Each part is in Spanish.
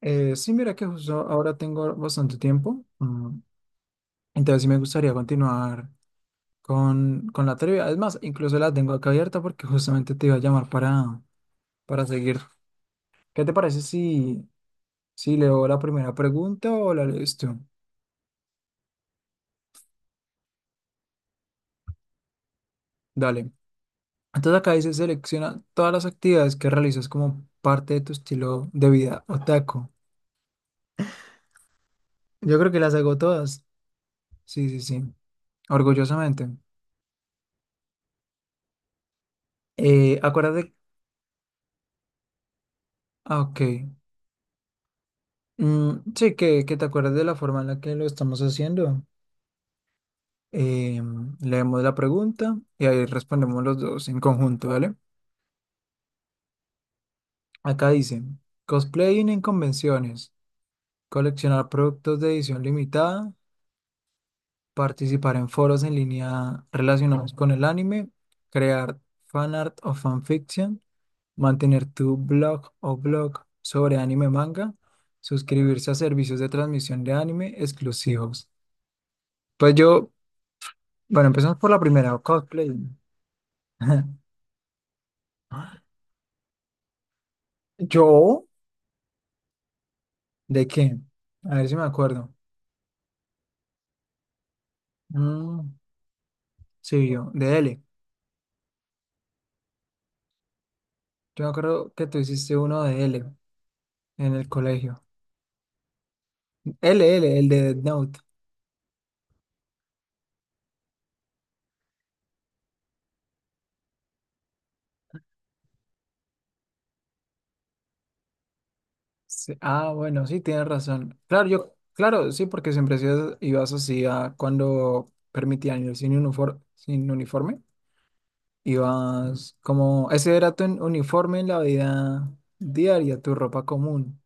Sí, mira que justo ahora tengo bastante tiempo, entonces sí me gustaría continuar con la trivia. Es más, incluso la tengo acá abierta porque justamente te iba a llamar para seguir. ¿Qué te parece si leo la primera pregunta o la lees tú? Dale. Entonces acá dice, selecciona todas las actividades que realizas como parte de tu estilo de vida otaku. Yo creo que las hago todas. Sí, sí, sí. Orgullosamente. Acuérdate. Ah, ok. Sí, que te acuerdas de la forma en la que lo estamos haciendo. Eh, Leemos la pregunta y ahí respondemos los dos en conjunto, ¿vale? Acá dice, cosplaying en convenciones, coleccionar productos de edición limitada, participar en foros en línea relacionados con el anime, crear fanart o fanfiction, mantener tu blog o blog sobre anime manga, suscribirse a servicios de transmisión de anime exclusivos. Pues yo, Bueno, empezamos por la primera, cosplay. ¿Yo? ¿De qué? A ver si me acuerdo. Mm, sí, yo, de L. Yo me acuerdo que tú hiciste uno de L en el colegio. L, L, el de Death Note. Sí, ah, bueno, sí, tienes razón. Claro, yo, claro, sí, porque siempre ibas así a cuando permitían ir sin uniforme, sin uniforme. Ibas como, ese era tu uniforme en la vida diaria, tu ropa común.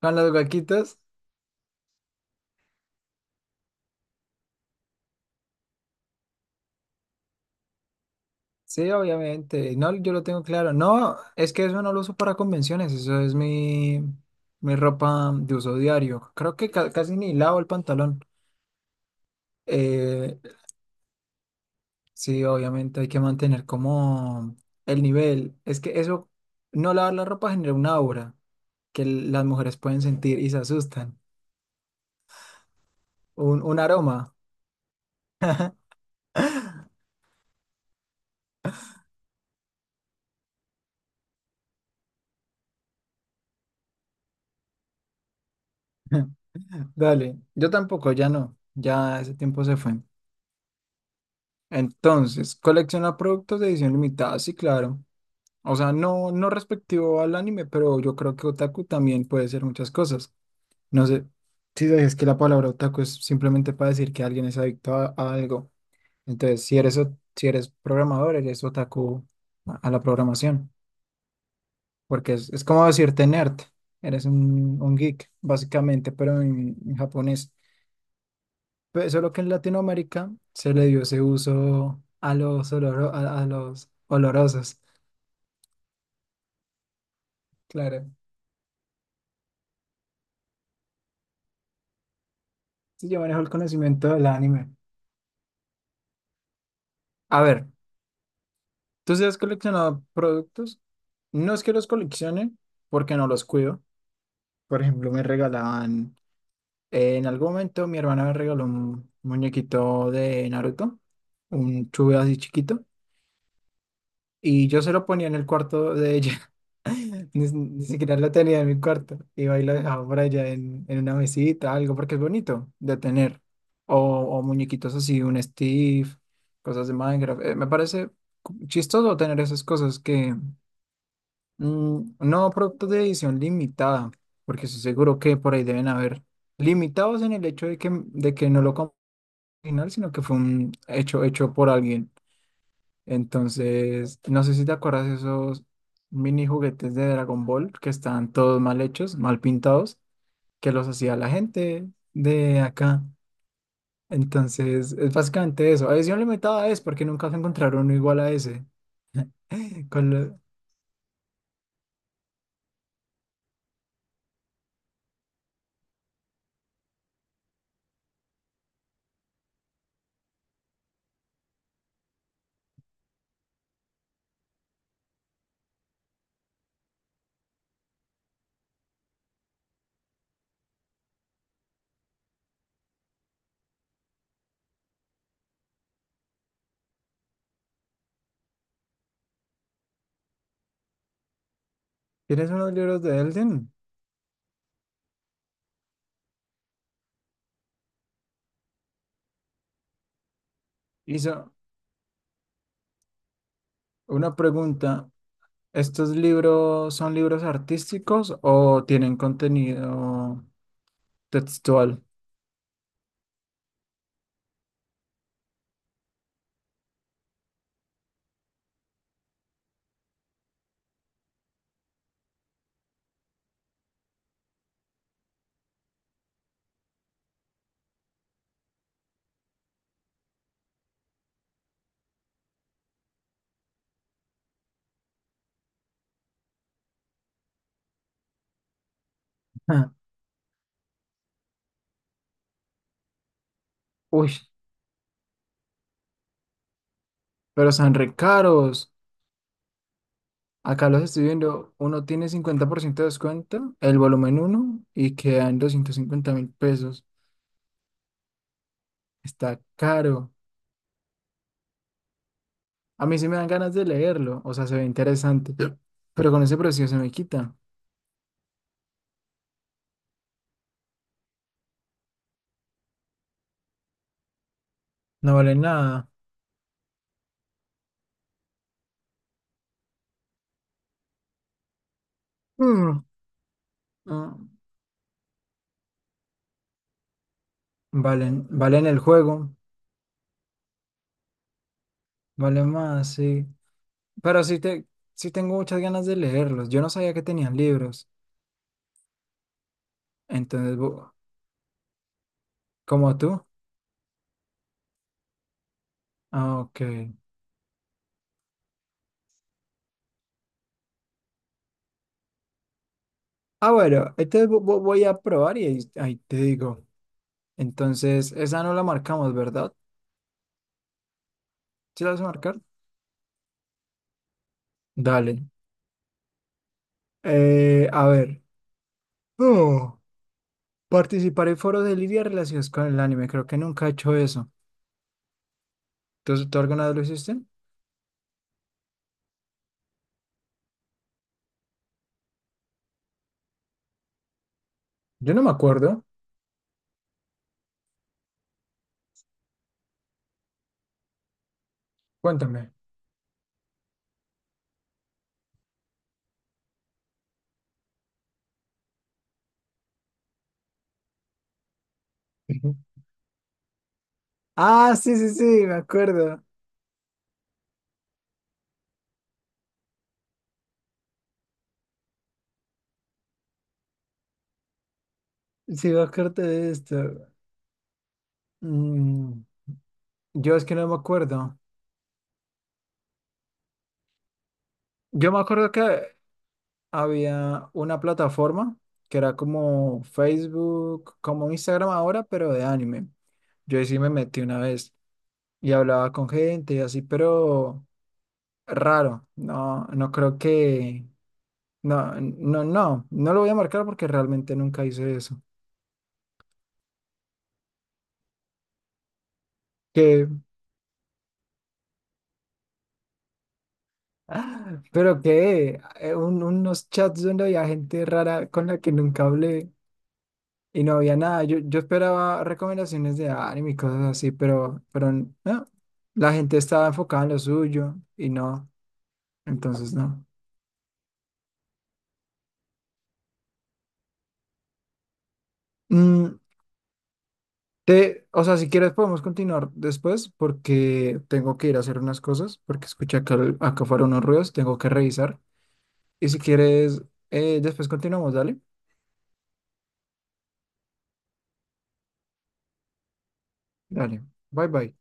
Con las gaquitas. Sí, obviamente. No, yo lo tengo claro. No, es que eso no lo uso para convenciones, eso es mi ropa de uso diario. Creo que casi ni lavo el pantalón. Eh, sí, obviamente hay que mantener como el nivel. Es que eso, no lavar la ropa genera una aura que las mujeres pueden sentir y se asustan. Un aroma. Dale, yo tampoco, ya no, ya ese tiempo se fue. Entonces, colecciona productos de edición limitada, sí, claro. O sea, no respectivo al anime, pero yo creo que otaku también puede ser muchas cosas. No sé si es que la palabra otaku es simplemente para decir que alguien es adicto a algo. Entonces, si eres programador, eres otaku a la programación, porque es como decirte nerd. Eres un geek, básicamente, pero en japonés. Pero solo que en Latinoamérica se le dio ese uso a a los olorosos. Claro. Sí, yo manejo el conocimiento del anime. A ver. ¿Tú sí has coleccionado productos? No es que los coleccione porque no los cuido. Por ejemplo, en algún momento mi hermana me regaló un muñequito de Naruto, un chube así chiquito, y yo se lo ponía en el cuarto de ella. Ni siquiera lo tenía en mi cuarto. Iba y lo dejaba por allá en una mesita, algo, porque es bonito de tener. O muñequitos así, un Steve, cosas de Minecraft. Me parece chistoso tener esas cosas que no, productos de edición limitada, porque estoy seguro que por ahí deben haber limitados en el hecho de que no lo compró original, sino que fue un hecho hecho por alguien. Entonces, no sé si te acuerdas de esos mini juguetes de Dragon Ball que estaban todos mal hechos, mal pintados, que los hacía la gente de acá. Entonces, es básicamente eso. Edición limitada es porque nunca se encontraron uno igual a ese. Con lo- ¿Tienes unos libros de Elden? Una pregunta, ¿estos libros son libros artísticos o tienen contenido textual? Ah, uy, pero son re caros. Acá los estoy viendo, uno tiene 50% de descuento, el volumen uno y queda en 250.000 pesos. Está caro. A mí sí me dan ganas de leerlo, o sea, se ve interesante, pero con ese precio se me quita. No vale nada. Mm, mm, Valen, valen el juego, vale más, sí. Pero sí, te, sí tengo muchas ganas de leerlos. Yo no sabía que tenían libros. Entonces, vo- como tú. Ah, ok. Ah, bueno, entonces voy a probar y ahí te digo. Entonces, esa no la marcamos, ¿verdad? ¿Sí la vas a marcar? Dale. A ver. Oh, participar en foros de lidia relacionados con el anime. Creo que nunca he hecho eso. ¿Tú alguna vez lo hiciste? Yo no me acuerdo. Cuéntame. Ujú. Ah, sí, sí, sí, me acuerdo. Sí, me acuerdo de esto. Mm. Yo es que no me acuerdo. Yo me acuerdo que había una plataforma que era como Facebook, como Instagram ahora, pero de anime. Yo ahí sí me metí una vez y hablaba con gente y así, pero raro. No, no creo que. No, no, no, no lo voy a marcar porque realmente nunca hice eso. Que, pero que unos chats donde había gente rara con la que nunca hablé. Y no había nada. Yo esperaba recomendaciones de anime y cosas así, pero no. La gente estaba enfocada en lo suyo y no. Entonces no. Mm, o sea, si quieres podemos continuar después porque tengo que ir a hacer unas cosas porque escuché acá fueron unos ruidos, tengo que revisar. Y si quieres, después continuamos, dale. Dale. Bye bye.